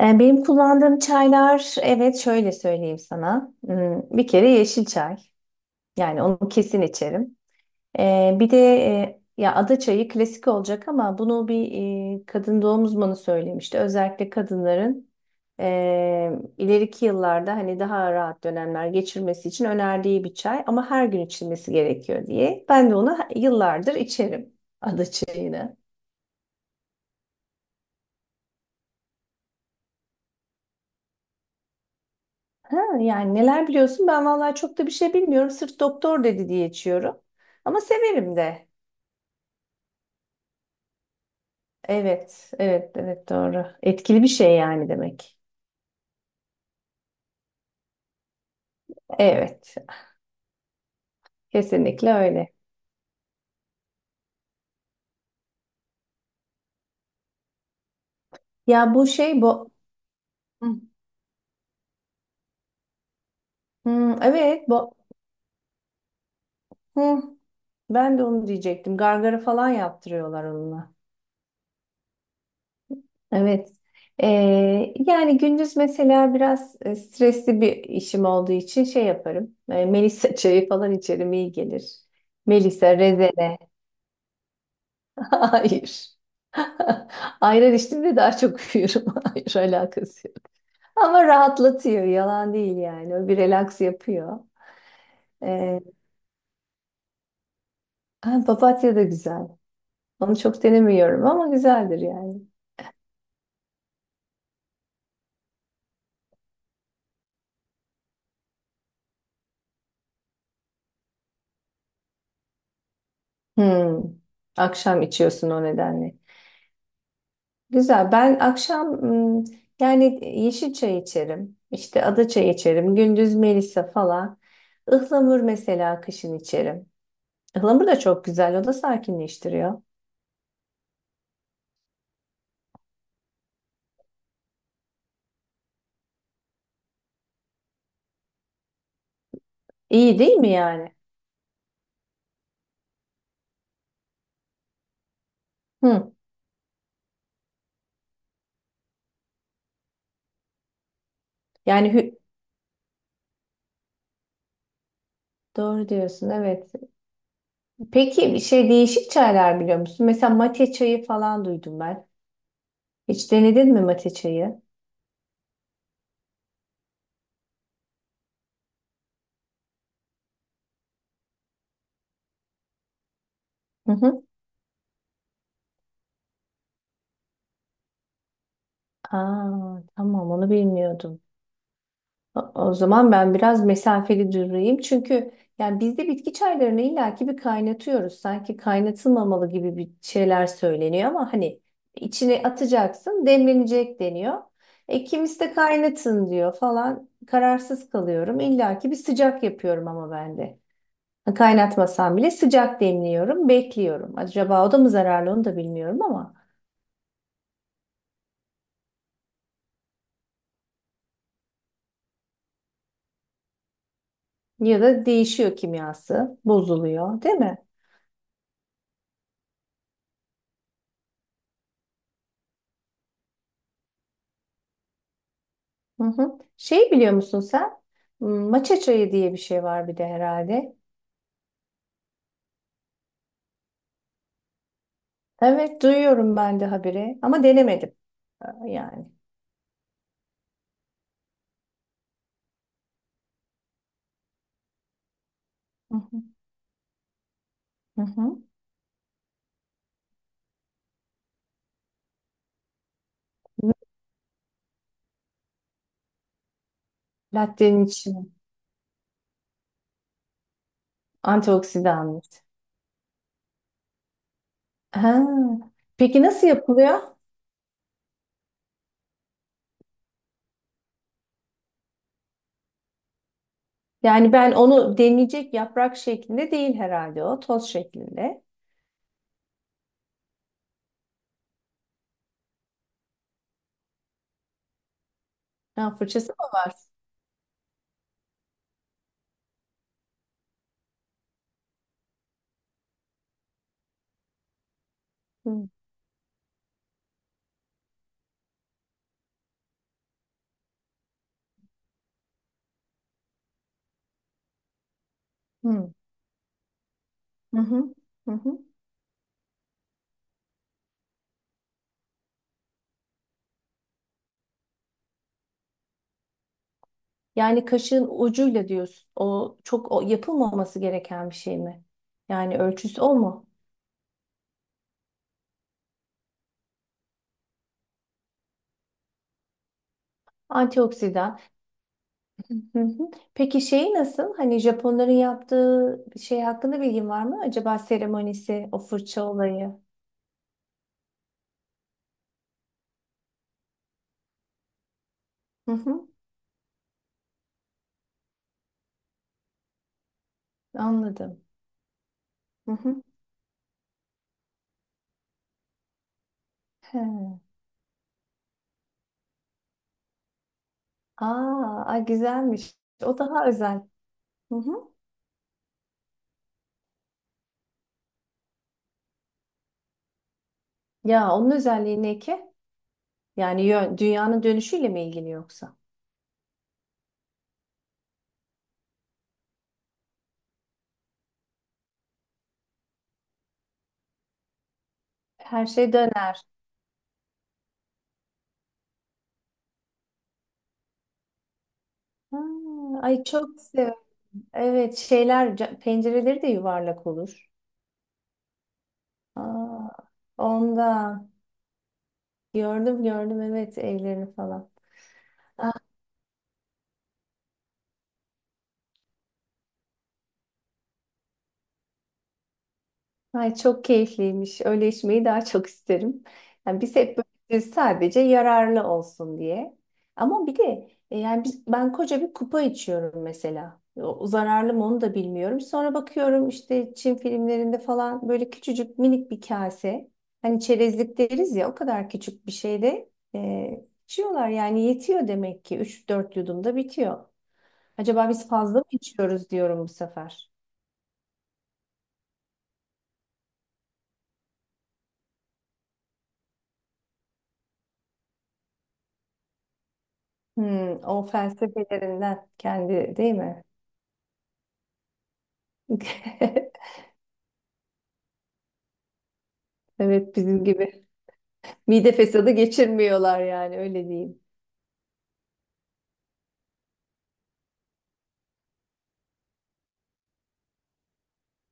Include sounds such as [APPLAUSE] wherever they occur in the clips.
Benim kullandığım çaylar, evet şöyle söyleyeyim sana. Hmm, bir kere yeşil çay. Yani onu kesin içerim. Bir de ya ada çayı klasik olacak ama bunu bir kadın doğum uzmanı söylemişti. Özellikle kadınların e, ileriki yıllarda hani daha rahat dönemler geçirmesi için önerdiği bir çay ama her gün içilmesi gerekiyor diye. Ben de onu yıllardır içerim ada çayını. Ha, yani neler biliyorsun? Ben vallahi çok da bir şey bilmiyorum. Sırf doktor dedi diye içiyorum. Ama severim de. Evet, evet, evet doğru. Etkili bir şey yani demek. Evet, kesinlikle öyle. Ya bu şey bu. Hı. Hmm, evet, bu. Hı. Ben de onu diyecektim. Gargara falan yaptırıyorlar onunla. Evet. Ee, Yani gündüz mesela biraz stresli bir işim olduğu için şey yaparım. Melisa [LAUGHS] çayı falan içerim iyi gelir. Melisa, rezene. Hayır. [LAUGHS] Ayran içtiğimde daha çok uyuyorum. [LAUGHS] Hayır alakası yok. Ama rahatlatıyor. Yalan değil yani. O bir relax yapıyor. Ee, ha, papatya da güzel. Onu çok denemiyorum ama güzeldir yani. Hmm. Akşam içiyorsun o nedenle. Güzel. Ben akşam hmm, yani yeşil çay içerim. İşte ada çayı içerim. Gündüz melisa falan. Ihlamur mesela kışın içerim. Ihlamur da çok güzel. O da sakinleştiriyor. İyi değil mi yani? Hı. Yani doğru diyorsun evet. Peki bir şey değişik çaylar biliyor musun? Mesela mate çayı falan duydum ben. Hiç denedin mi mate çayı? Hı hı. Aa, tamam onu bilmiyordum. O zaman ben biraz mesafeli durayım. Çünkü yani biz de bitki çaylarını illaki bir kaynatıyoruz. Sanki kaynatılmamalı gibi bir şeyler söyleniyor ama hani içine atacaksın, demlenecek deniyor. E kimisi de kaynatın diyor falan. Kararsız kalıyorum. İllaki bir sıcak yapıyorum ama ben de. Kaynatmasam bile sıcak demliyorum, bekliyorum. Acaba o da mı zararlı onu da bilmiyorum ama. Ya da değişiyor kimyası, bozuluyor, değil mi? Hı hı. Şey biliyor musun sen? Hmm, maça çayı diye bir şey var bir de herhalde. Evet duyuyorum ben de haberi ama denemedim yani. Hı hı. Hı hı. Latte'nin içine antioksidan. Ha. Peki nasıl yapılıyor? Yani ben onu demleyecek yaprak şeklinde değil herhalde o toz şeklinde. Ha, fırçası mı var? Hı hı. Hı hı. Hı hı. Yani kaşığın ucuyla diyorsun. O çok, yapılmaması gereken bir şey mi? Yani ölçüsü o mu? Antioksidan. Hı hı. Peki şeyi nasıl? Hani Japonların yaptığı şey hakkında bilgin var mı? Acaba seremonisi, o fırça olayı. Hı hı. Anladım. Hı hı. He. Aa, ay güzelmiş. O daha özel. Hı hı. Ya onun özelliği ne ki? Yani dünyanın dönüşüyle mi ilgili yoksa? Her şey döner. Ha, ay çok sev. Evet şeyler pencereleri de yuvarlak olur. Aa, onda gördüm evet evlerini falan. Ay çok keyifliymiş. Öyle içmeyi daha çok isterim. Yani biz hep böyle sadece yararlı olsun diye. Ama bir de yani biz, ben koca bir kupa içiyorum mesela. O, zararlı mı onu da bilmiyorum. Sonra bakıyorum işte Çin filmlerinde falan böyle küçücük minik bir kase. Hani çerezlik deriz ya o kadar küçük bir şeyde içiyorlar. Yani yetiyor demek ki üç dört yudumda bitiyor. Acaba biz fazla mı içiyoruz diyorum bu sefer. Hmm, o felsefelerinden kendi değil mi? [LAUGHS] Evet bizim gibi. Mide fesadı geçirmiyorlar yani öyle diyeyim.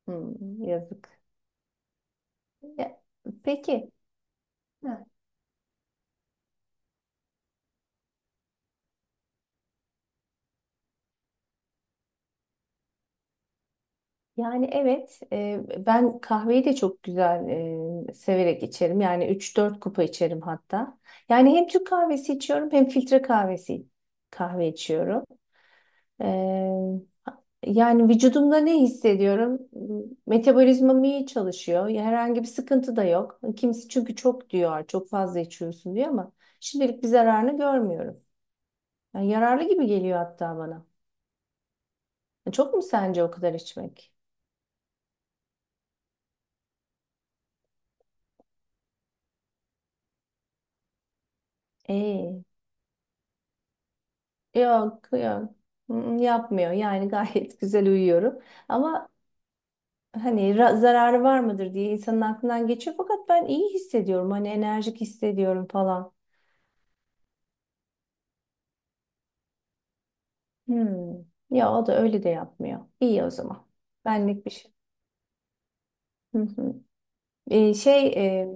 Hmm, yazık. Ya, peki. Ha, yani evet ben kahveyi de çok güzel severek içerim. Yani üç dört kupa içerim hatta. Yani hem Türk kahvesi içiyorum hem filtre kahve içiyorum. E, Yani vücudumda ne hissediyorum? Metabolizmam iyi çalışıyor. Ya herhangi bir sıkıntı da yok. Kimisi çünkü çok diyor, çok fazla içiyorsun diyor ama şimdilik bir zararını görmüyorum. Yani yararlı gibi geliyor hatta bana. Çok mu sence o kadar içmek? Ee, Yok yok. Mm, yapmıyor. Yani gayet [LAUGHS] güzel uyuyorum. Ama hani zararı var mıdır diye insanın aklından geçiyor. Fakat ben iyi hissediyorum. Hani enerjik hissediyorum falan. Hmm. Ya o da öyle de yapmıyor. İyi o zaman. Benlik bir şey. Hı hı. Ee, şey e,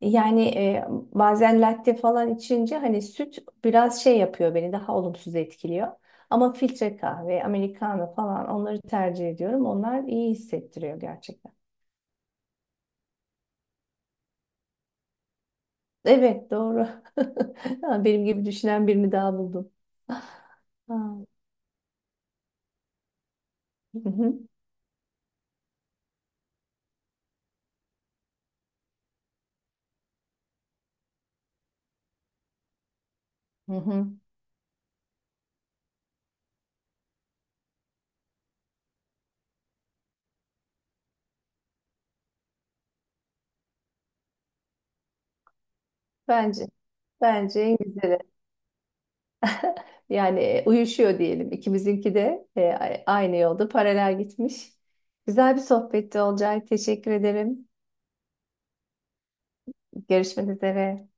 yani bazen latte falan içince hani süt biraz şey yapıyor beni daha olumsuz etkiliyor. Ama filtre kahve, americano falan onları tercih ediyorum. Onlar iyi hissettiriyor gerçekten. Evet doğru. [LAUGHS] Ha, benim gibi düşünen birini daha buldum. Ha. Hı hı. Hı hı. Bence bence en güzeli. Yani uyuşuyor diyelim. İkimizinki de aynı yolda paralel gitmiş. Güzel bir sohbetti Olcay. Teşekkür ederim. Görüşmek üzere.